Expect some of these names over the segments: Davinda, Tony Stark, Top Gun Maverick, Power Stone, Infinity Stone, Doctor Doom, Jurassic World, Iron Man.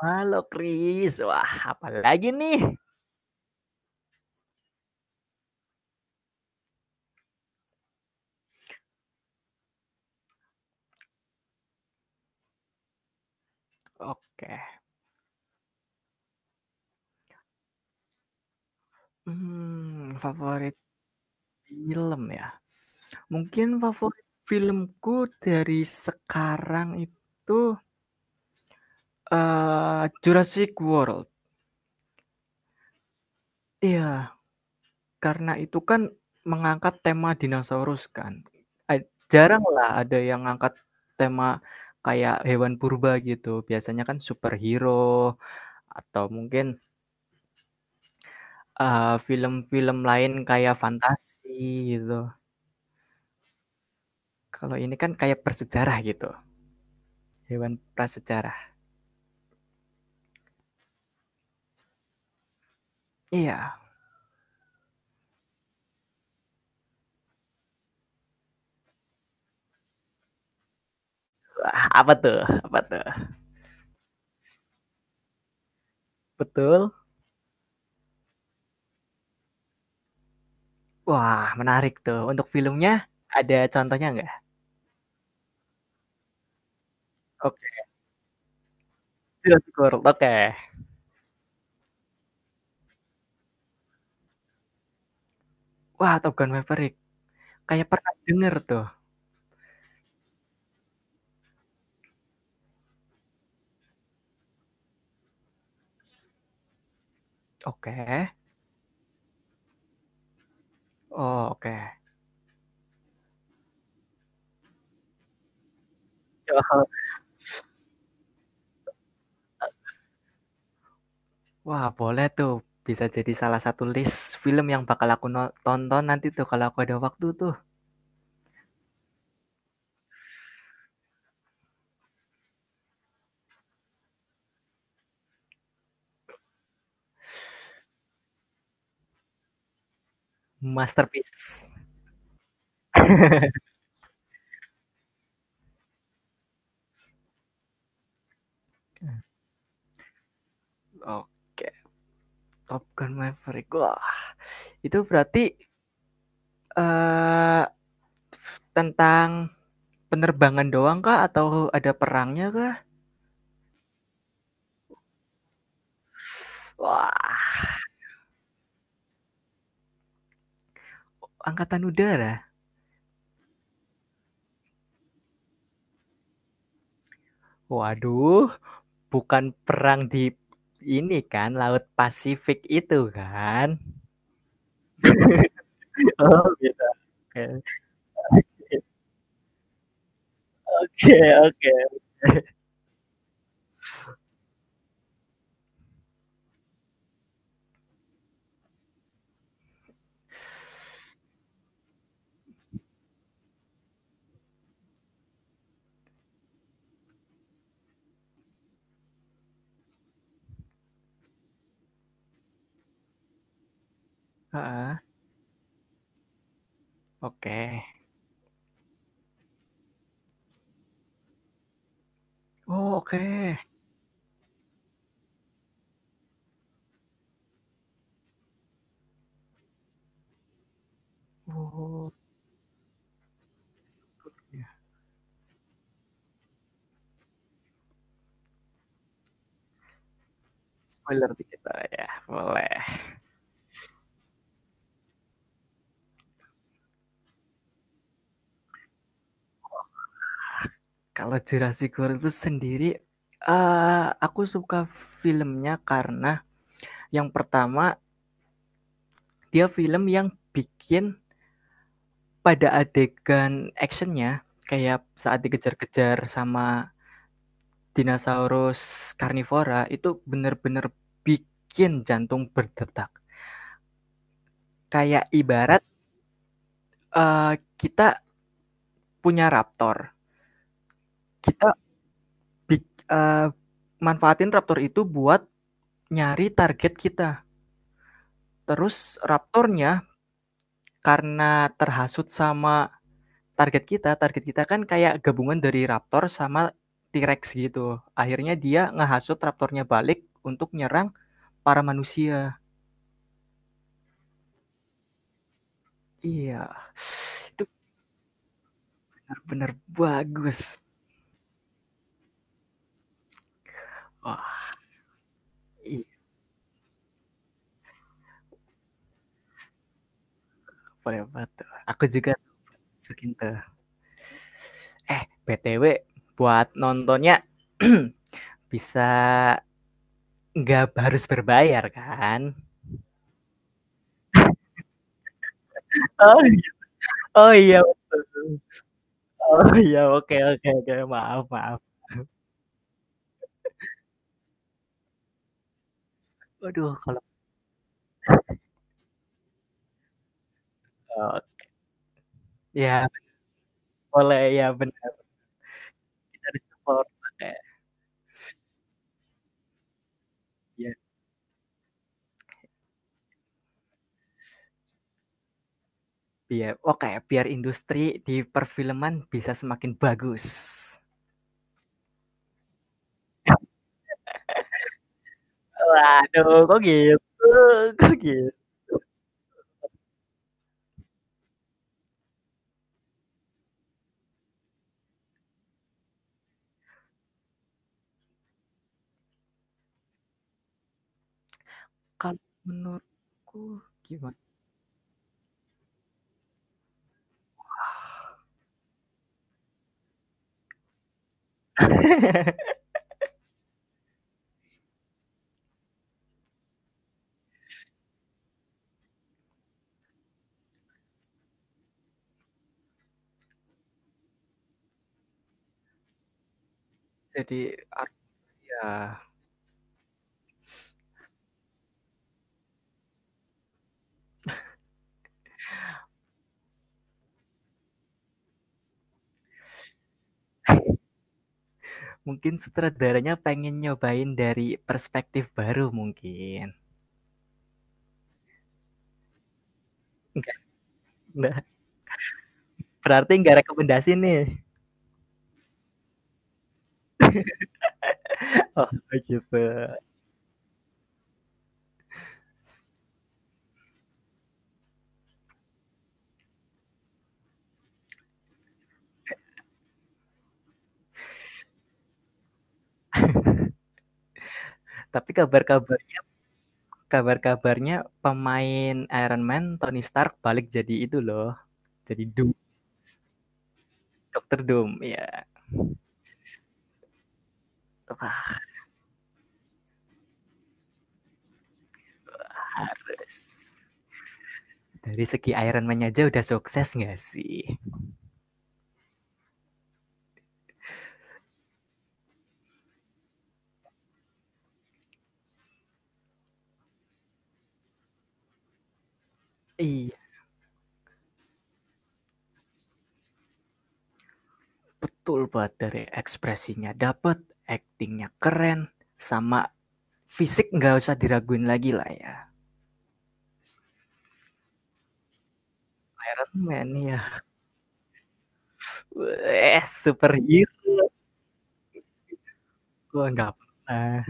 Halo Kris, wah apalagi nih? Oke, favorit film ya? Mungkin favorit filmku dari sekarang itu, Jurassic World. Iya, karena itu kan mengangkat tema dinosaurus kan. A- Jarang lah ada yang angkat tema kayak hewan purba gitu, biasanya kan superhero atau mungkin, film-film lain kayak fantasi gitu. Kalau ini kan kayak prasejarah gitu, hewan prasejarah. Iya. Wah, apa tuh? Apa tuh? Betul. Wah, menarik tuh. Untuk filmnya ada contohnya nggak? Oke, Jurassic World. Oke. Wah, Top Gun Maverick. Kayak pernah denger tuh. Oke. Oh, oke. Heeh. Wah, boleh tuh. Bisa jadi salah satu list film yang bakal aku no tonton nanti tuh kalau aku ada waktu tuh. Masterpiece. Oke, Top Gun Maverick. Wah, itu berarti, eee tentang penerbangan doang kah atau ada perangnya kah? Wah, angkatan udara. Waduh, bukan perang di ini kan, Laut Pasifik itu kan? Oh, gitu. Oke. Oke, oke. Heeh, oke. Oh, oke. Okay. Oh, ya. Spoiler dikit boleh ya? Boleh. Kalau Jurassic World itu sendiri, aku suka filmnya karena yang pertama, dia film yang bikin pada adegan actionnya, kayak saat dikejar-kejar sama dinosaurus karnivora, itu bener-bener bikin jantung berdetak. Kayak ibarat, eee, kita punya raptor, kita bik eh, manfaatin raptor itu buat nyari target kita. Terus raptornya karena terhasut sama target kita kan kayak gabungan dari raptor sama T-Rex gitu. Akhirnya dia ngehasut raptornya balik untuk nyerang para manusia. Iya. Itu benar-benar bagus. Wah, iya, boleh banget. Aku juga masukin tuh. Eh, BTW buat nontonnya bisa nggak harus berbayar kan? Oh, oh iya. Oh iya, oke oke oke. Maaf, maaf. Aduh, kalau ya boleh ya benar. Dari support, oke, iya, biar oke, biar industri di perfilman bisa semakin bagus. Waduh, kok gitu kok gitu? Kalau menurutku gimana? Jadi art ya, mungkin sutradaranya pengen nyobain dari perspektif baru mungkin. Enggak enggak berarti enggak rekomendasi nih? Oh, gitu. Tapi kabar-kabarnya pemain Iron Man, Tony Stark balik jadi itu loh, jadi Doom. Dokter Doom ya. Wah, dari segi Iron Man aja udah sukses nggak sih? Iya, betul banget dari ekspresinya dapat, actingnya keren, sama fisik nggak usah diraguin lagi lah ya. Iron Man ya, eh superhero nggak pernah.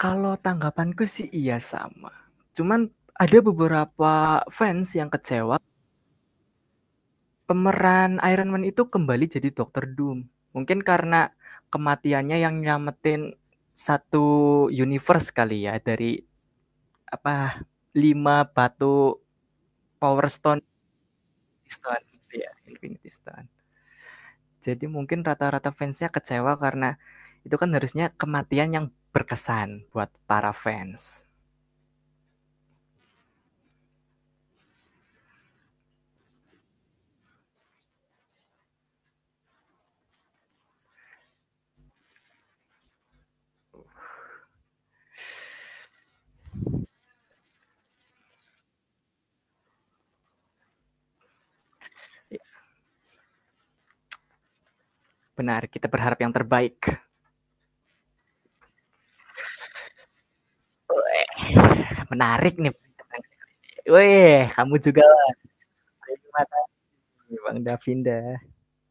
Kalau tanggapanku sih iya sama. Cuman ada beberapa fans yang kecewa pemeran Iron Man itu kembali jadi Doctor Doom. Mungkin karena kematiannya yang nyelamatin satu universe kali ya, dari, apa, 5 batu Power Stone Stone, iya, Infinity Stone. Jadi mungkin rata-rata fansnya kecewa karena itu kan harusnya kematian yang berkesan buat para fans. Ya, benar, kita berharap yang terbaik. Menarik nih. Weh, kamu juga terima kasih Bang Davinda.